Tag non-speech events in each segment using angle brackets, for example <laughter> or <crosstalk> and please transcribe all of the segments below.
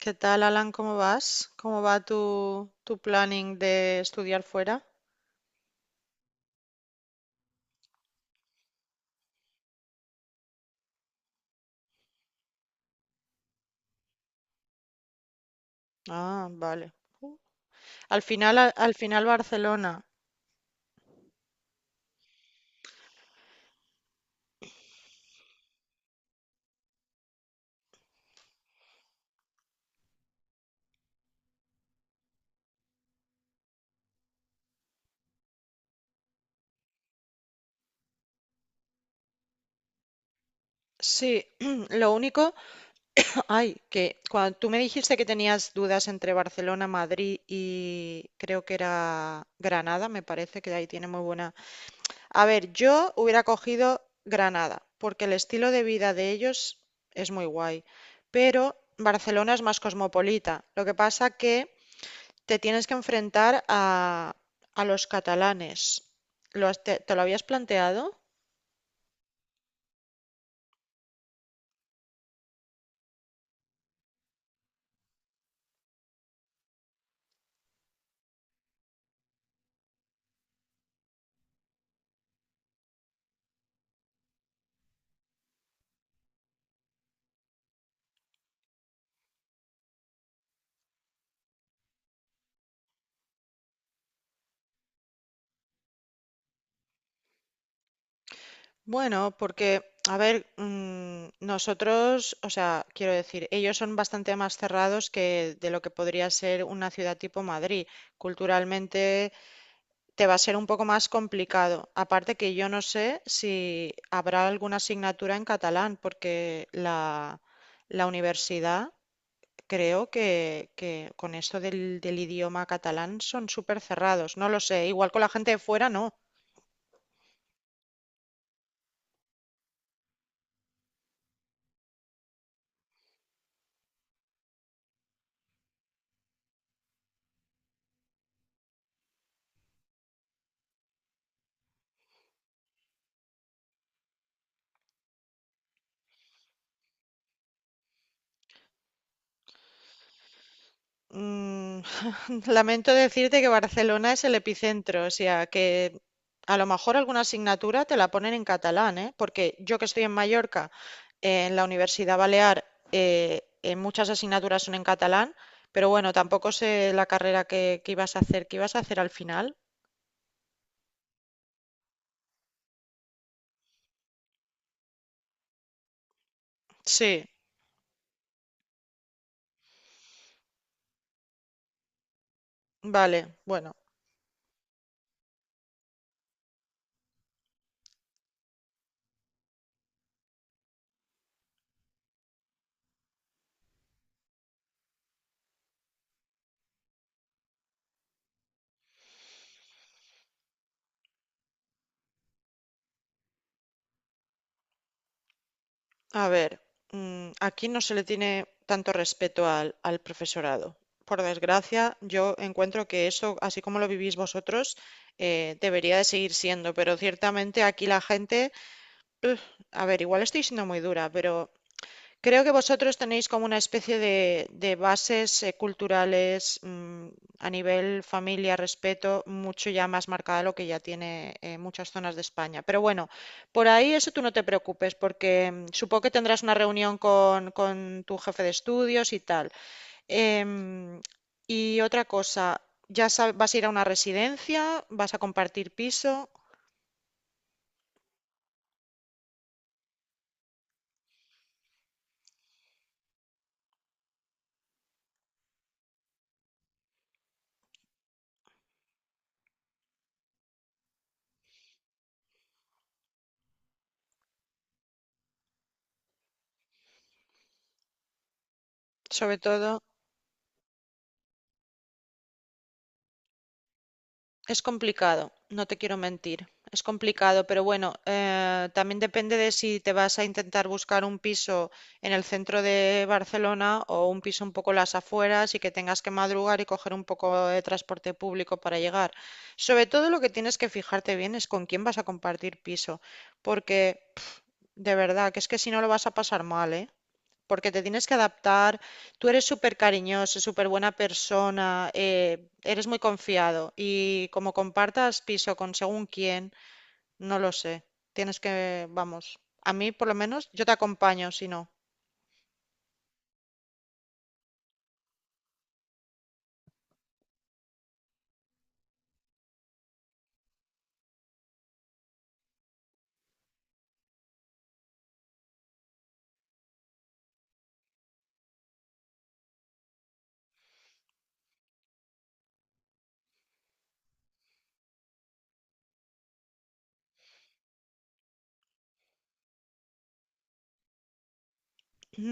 ¿Qué tal, Alan? ¿Cómo vas? ¿Cómo va tu planning de estudiar fuera? Ah, vale. Uh. Al final, al final Barcelona. Sí, <clears throat> lo único, <clears throat> ay, que cuando tú me dijiste que tenías dudas entre Barcelona, Madrid y creo que era Granada, me parece que ahí tiene muy buena. A ver, yo hubiera cogido Granada, porque el estilo de vida de ellos es muy guay, pero Barcelona es más cosmopolita. Lo que pasa que te tienes que enfrentar a los catalanes. ¿Lo has- te lo habías planteado? Bueno, porque, a ver, nosotros, o sea, quiero decir, ellos son bastante más cerrados que de lo que podría ser una ciudad tipo Madrid. Culturalmente te va a ser un poco más complicado. Aparte que yo no sé si habrá alguna asignatura en catalán, porque la universidad. Creo que con esto del idioma catalán son súper cerrados. No lo sé. Igual con la gente de fuera, no. Mm, <laughs> lamento decirte que Barcelona es el epicentro. O sea, que a lo mejor alguna asignatura te la ponen en catalán, ¿eh? Porque yo que estoy en Mallorca, en la Universidad Balear, muchas asignaturas son en catalán. Pero bueno, tampoco sé la carrera que ibas a hacer. ¿Qué ibas a hacer al final? Sí, vale. Bueno. A ver, aquí no se le tiene tanto respeto al profesorado. Por desgracia, yo encuentro que eso, así como lo vivís vosotros, debería de seguir siendo, pero ciertamente aquí la gente, a ver, igual estoy siendo muy dura, pero creo que vosotros tenéis como una especie de bases culturales, a nivel familia, respeto, mucho ya más marcada lo que ya tiene, muchas zonas de España. Pero bueno, por ahí eso tú no te preocupes, porque, supongo que tendrás una reunión con tu jefe de estudios y tal. Em, y otra cosa, ¿ya sab- vas a ir a una residencia? ¿Vas a compartir piso? Sobre todo. Es complicado, no te quiero mentir. Es complicado, pero bueno, también depende de si te vas a intentar buscar un piso en el centro de Barcelona o un piso un poco en las afueras y que tengas que madrugar y coger un poco de transporte público para llegar. Sobre todo lo que tienes que fijarte bien es con quién vas a compartir piso, porque pf, de verdad que es que si no lo vas a pasar mal, ¿eh? Porque te tienes que adaptar. Tú eres súper cariñoso, súper buena persona, eres muy confiado y como compartas piso con según quién, no lo sé. Tienes que, vamos, a mí por lo menos yo te acompaño, si no.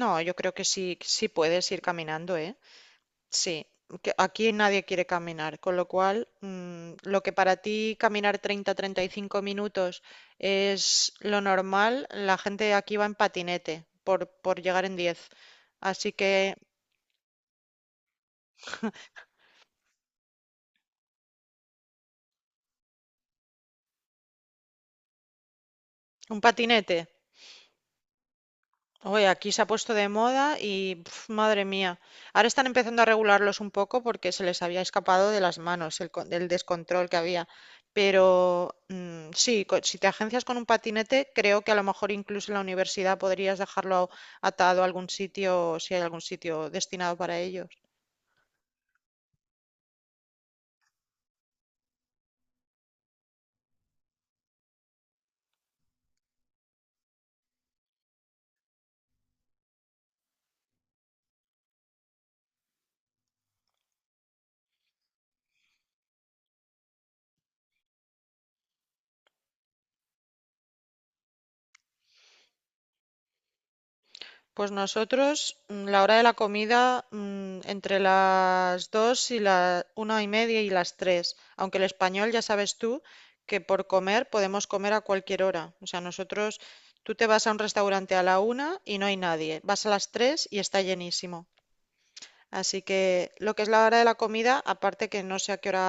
No, yo creo que sí, sí puedes ir caminando, ¿eh? Sí, que aquí nadie quiere caminar, con lo cual, lo que para ti caminar 35 minutos es lo normal, la gente aquí va en patinete por llegar en 10. Así que un patinete. Oye, aquí se ha puesto de moda y pf, madre mía. Ahora están empezando a regularlos un poco porque se les había escapado de las manos el, el descontrol que había. Pero, sí, si te agencias con un patinete, creo que a lo mejor incluso en la universidad podrías dejarlo atado a algún sitio, si hay algún sitio destinado para ellos. Pues nosotros, la hora de la comida, entre las 2 y la 1:30 y las 3. Aunque el español ya sabes tú que por comer podemos comer a cualquier hora. O sea, nosotros, tú te vas a un restaurante a la 1 y no hay nadie. Vas a las 3 y está llenísimo. Así que lo que es la hora de la comida, aparte que no sé a qué hora,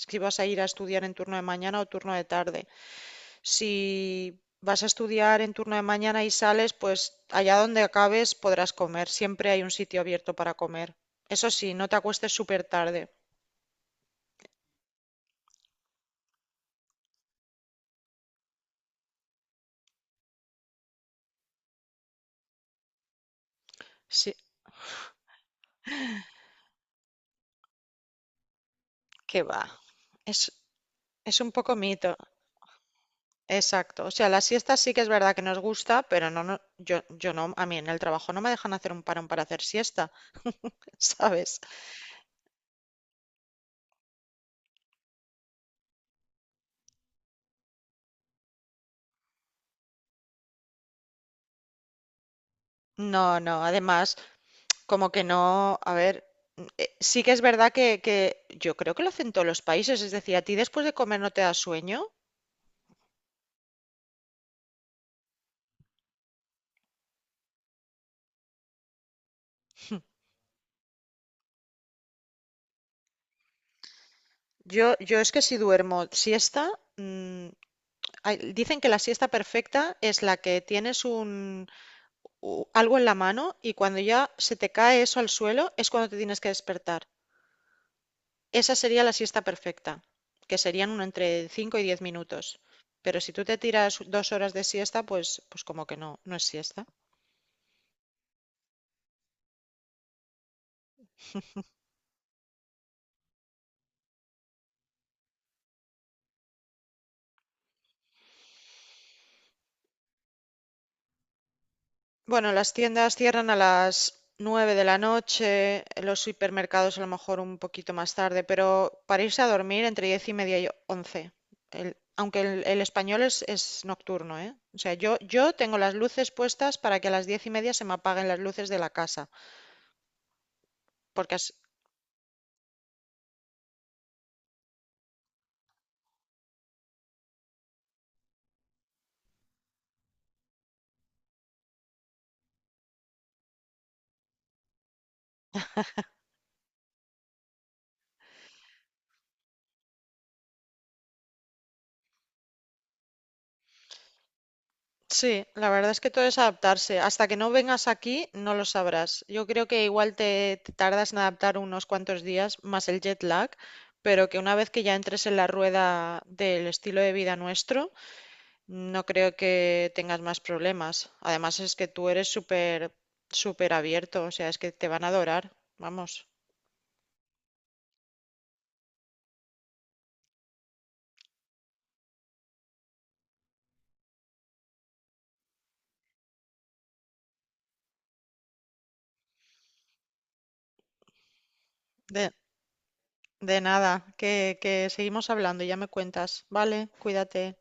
si vas a ir a estudiar en turno de mañana o turno de tarde. Si vas a estudiar en turno de mañana y sales, pues allá donde acabes podrás comer. Siempre hay un sitio abierto para comer. Eso sí, no te acuestes súper tarde. Sí, que va. Es, es un poco mito. Exacto. O sea, las siestas sí que es verdad que nos gusta, pero no, no, yo no, a mí en el trabajo no me dejan hacer un parón para hacer siesta, <laughs> ¿sabes? No, no. Además, como que no, a ver, sí que es verdad que yo creo que lo hacen todos los países. Es decir, a ti después de comer no te da sueño. Yo es que si duermo siesta, mm, hay- dicen que la siesta perfecta es la que tienes algo en la mano y cuando ya se te cae eso al suelo es cuando te tienes que despertar. Esa sería la siesta perfecta, que serían uno entre 5 y 10 minutos. Pero si tú te tiras 2 horas de siesta, pues, pues como que no, no es siesta. Bueno, las tiendas cierran a las 9 de la noche, los supermercados a lo mejor un poquito más tarde, pero para irse a dormir entre 10:30 y 11. El- aunque el español es nocturno, ¿eh? O sea, yo tengo las luces puestas para que a las 10:30 se me apaguen las luces de la casa, porque sí, la verdad es que todo es adaptarse. Hasta que no vengas aquí, no lo sabrás. Yo creo que igual te tardas en adaptar unos cuantos días más el jet lag, pero que una vez que ya entres en la rueda del estilo de vida nuestro, no creo que tengas más problemas. Además es que tú eres súper, súper abierto, o sea, es que te van a adorar. Vamos, de, de nada, que seguimos hablando y ya me cuentas. Vale, cuídate.